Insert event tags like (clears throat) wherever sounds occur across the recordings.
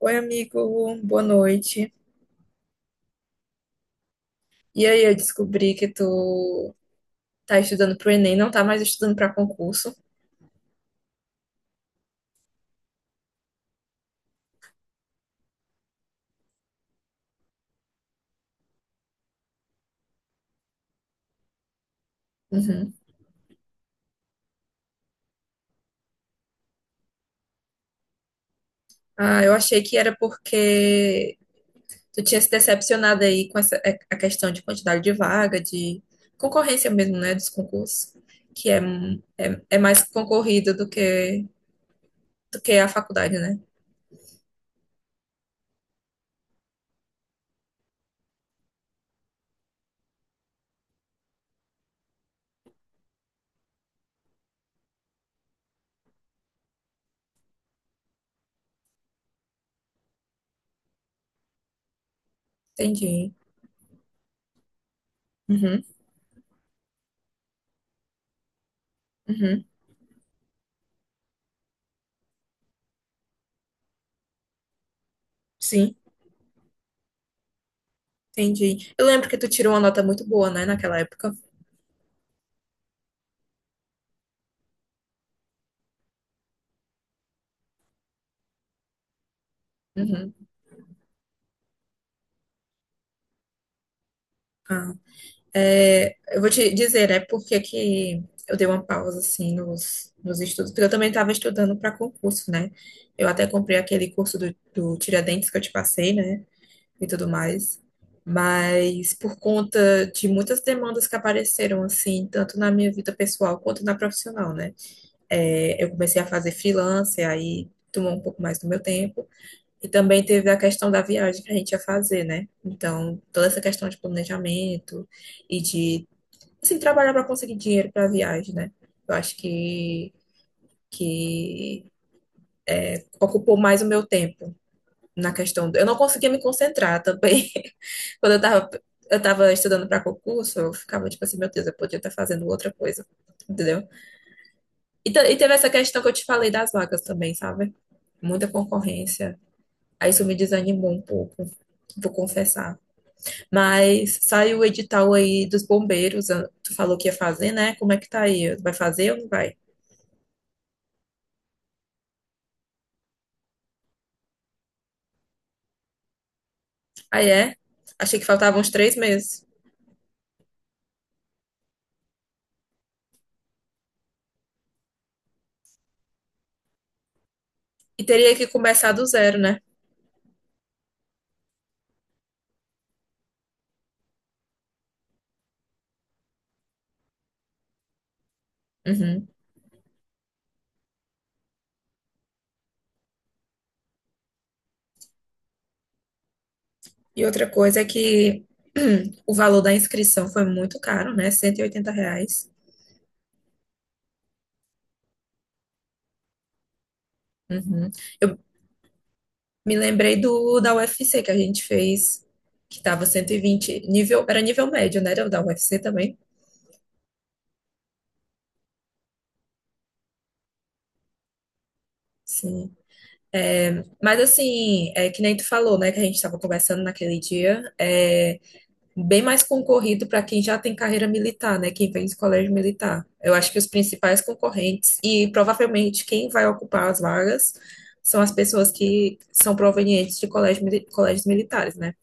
Oi, amigo, boa noite. E aí, eu descobri que tu tá estudando pro Enem, não tá mais estudando pra concurso. Uhum. Ah, eu achei que era porque tu tinha se decepcionado aí com essa, a questão de quantidade de vaga, de concorrência mesmo, né, dos concursos, que é mais concorrido do que a faculdade, né? Entendi. Uhum, uhum. Sim. Entendi. Eu lembro que tu tirou uma nota muito boa, né, naquela época. Uhum. Ah, eu vou te dizer, né, por que que eu dei uma pausa, assim, nos estudos, porque eu também estava estudando para concurso, né? Eu até comprei aquele curso do Tiradentes que eu te passei, né, e tudo mais. Mas por conta de muitas demandas que apareceram, assim, tanto na minha vida pessoal quanto na profissional, né? Eu comecei a fazer freelance, aí tomou um pouco mais do meu tempo. E também teve a questão da viagem que a gente ia fazer, né? Então, toda essa questão de planejamento e de, assim, trabalhar para conseguir dinheiro para a viagem, né? Eu acho que ocupou mais o meu tempo na questão. Eu não conseguia me concentrar também. (laughs) Quando eu tava estudando para concurso, eu ficava tipo assim, meu Deus, eu podia estar fazendo outra coisa, entendeu? E teve essa questão que eu te falei das vagas também, sabe? Muita concorrência. Aí isso me desanimou um pouco, vou confessar. Mas saiu o edital aí dos bombeiros. Ah, tu falou que ia fazer, né? Como é que tá aí? Vai fazer ou não vai? Aí é. Achei que faltavam uns 3 meses. E teria que começar do zero, né? Uhum. E outra coisa é que (clears throat) o valor da inscrição foi muito caro, né? R$ 180. Uhum. Eu me lembrei do da UFC que a gente fez, que tava 120 nível, era nível médio, né? Era da UFC também. Sim. Mas assim, é que nem tu falou, né? Que a gente estava conversando naquele dia. Bem mais concorrido para quem já tem carreira militar, né? Quem vem de colégio militar. Eu acho que os principais concorrentes e provavelmente quem vai ocupar as vagas são as pessoas que são provenientes de colégios militares, né?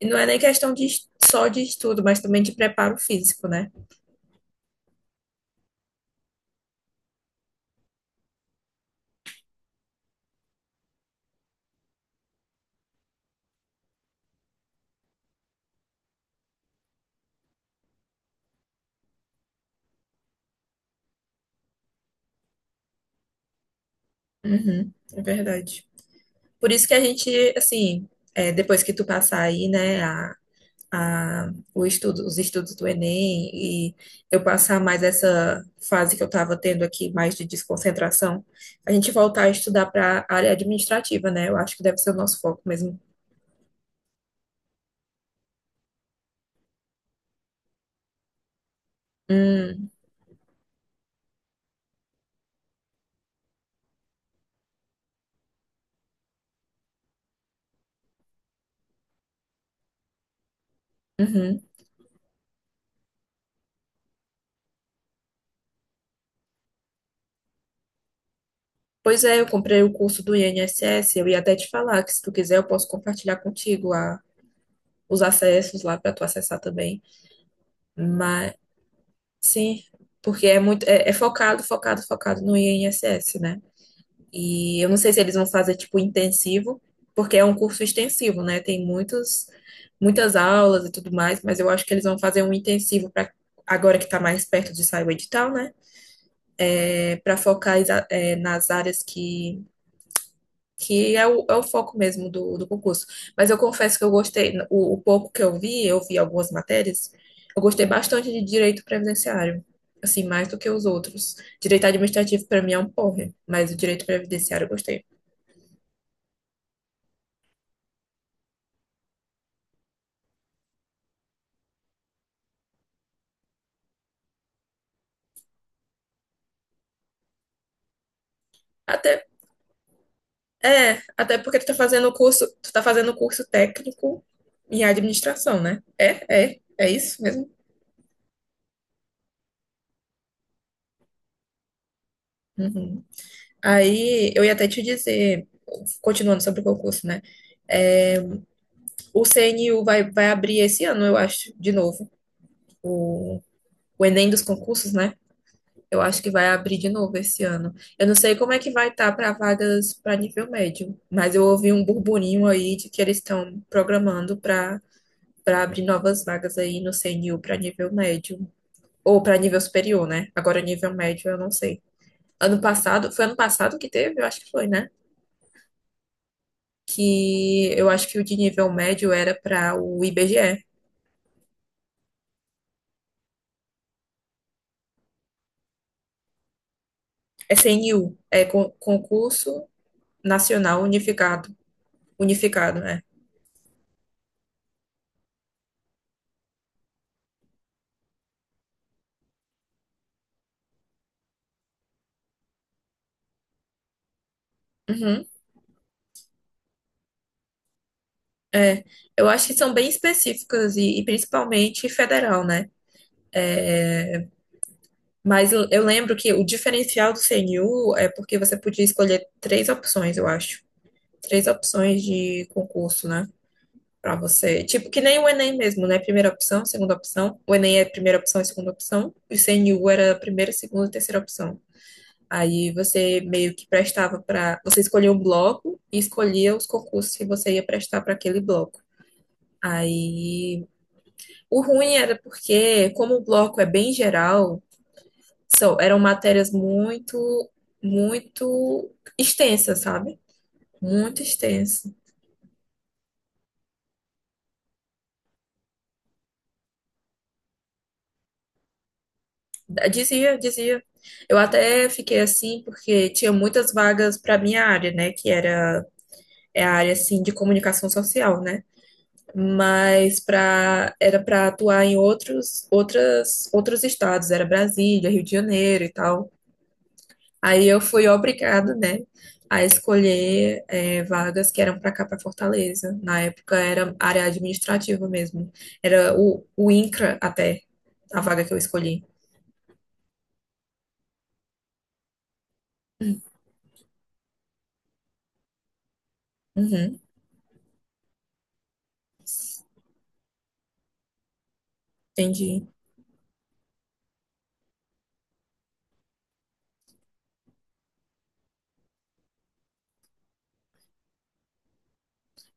E não é nem questão só de estudo, mas também de preparo físico, né? Uhum, é verdade. Por isso que a gente, assim, depois que tu passar aí, né, os estudos do Enem e eu passar mais essa fase que eu estava tendo aqui, mais de desconcentração, a gente voltar a estudar para a área administrativa, né? Eu acho que deve ser o nosso foco mesmo. Hum, uhum. Pois é, eu comprei o curso do INSS, eu ia até te falar que se tu quiser eu posso compartilhar contigo os acessos lá para tu acessar também. Mas sim, porque é muito é focado, focado, focado no INSS, né? E eu não sei se eles vão fazer tipo intensivo, porque é um curso extensivo, né? Tem muitas aulas e tudo mais, mas eu acho que eles vão fazer um intensivo para agora que está mais perto de sair o edital, né? Para focar nas áreas que é o foco mesmo do concurso. Mas eu confesso que eu gostei, o pouco que eu vi algumas matérias, eu gostei bastante de direito previdenciário. Assim, mais do que os outros. Direito administrativo, para mim, é um porre, mas o direito previdenciário eu gostei. Até até porque tu tá fazendo o curso, técnico em administração, né? É isso mesmo? Uhum. Aí eu ia até te dizer, continuando sobre o concurso, né? É, o CNU vai abrir esse ano, eu acho, de novo. O, o Enem dos concursos, né? Eu acho que vai abrir de novo esse ano. Eu não sei como é que vai estar para vagas para nível médio, mas eu ouvi um burburinho aí de que eles estão programando para abrir novas vagas aí no CNU para nível médio. Ou para nível superior, né? Agora, nível médio, eu não sei. Ano passado, foi ano passado que teve? Eu acho que foi, né? Que eu acho que o de nível médio era para o IBGE. É CNU, é Concurso Nacional Unificado. Unificado, né? Uhum, é. Eu acho que são bem específicas e principalmente federal, né? Mas eu lembro que o diferencial do CNU é porque você podia escolher três opções, eu acho. Três opções de concurso, né? Pra você. Tipo, que nem o Enem mesmo, né? Primeira opção, segunda opção. O Enem é primeira opção e segunda opção. E o CNU era primeira, segunda e terceira opção. Aí você meio que prestava pra. Você escolhia um bloco e escolhia os concursos que você ia prestar pra aquele bloco. Aí o ruim era porque, como o bloco é bem geral, eram matérias muito, muito extensas, sabe? Muito extensas. Dizia, dizia. Eu até fiquei assim porque tinha muitas vagas para minha área, né? Que era é a área assim de comunicação social, né? Mas para era para atuar em outros estados, era Brasília, Rio de Janeiro e tal. Aí eu fui obrigada, né, a escolher vagas que eram para cá, para Fortaleza. Na época era área administrativa mesmo. Era o INCRA até a vaga que eu escolhi. Uhum, entendi.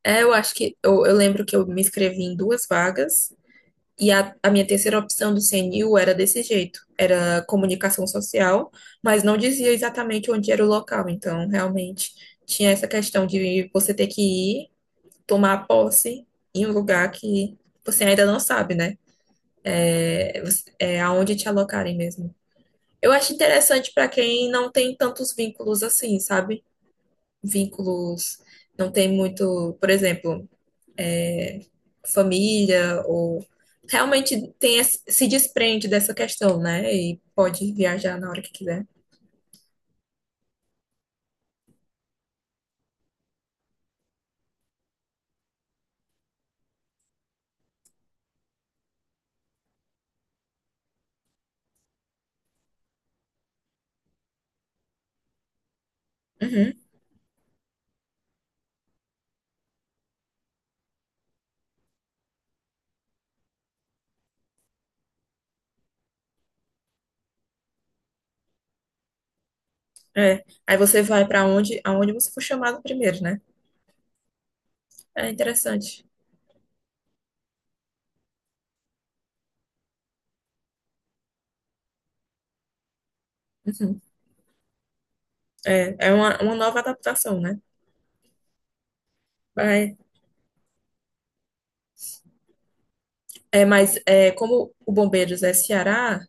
Eu acho que eu lembro que eu me inscrevi em duas vagas e a minha terceira opção do CNU era desse jeito, era comunicação social, mas não dizia exatamente onde era o local, então realmente tinha essa questão de você ter que ir tomar posse em um lugar que você ainda não sabe, né? É aonde te alocarem mesmo. Eu acho interessante para quem não tem tantos vínculos assim, sabe? Vínculos, não tem muito, por exemplo, família ou realmente tem se desprende dessa questão, né? E pode viajar na hora que quiser. Uhum, é. Aí você vai aonde você for chamado primeiro, né? É interessante. Uhum. É uma nova adaptação, né? Vai. Mas, como o Bombeiros é Ceará,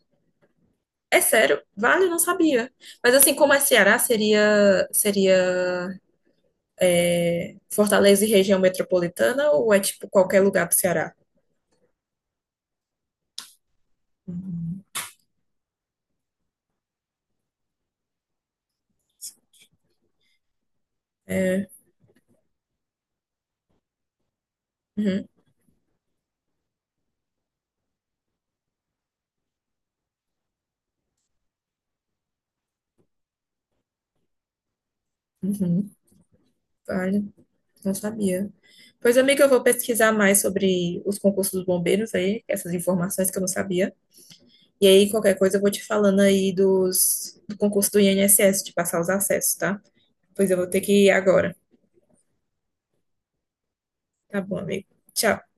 é sério, vale, eu não sabia. Mas assim, como é Ceará, seria Fortaleza e região metropolitana ou é tipo qualquer lugar do Ceará? Uhum. É. Uhum, uhum. Vale, não sabia. Pois, amiga, eu vou pesquisar mais sobre os concursos dos bombeiros aí, essas informações que eu não sabia. E aí, qualquer coisa, eu vou te falando aí do concurso do INSS, de passar os acessos, tá? Pois eu vou ter que ir agora. Tá bom, amigo. Tchau.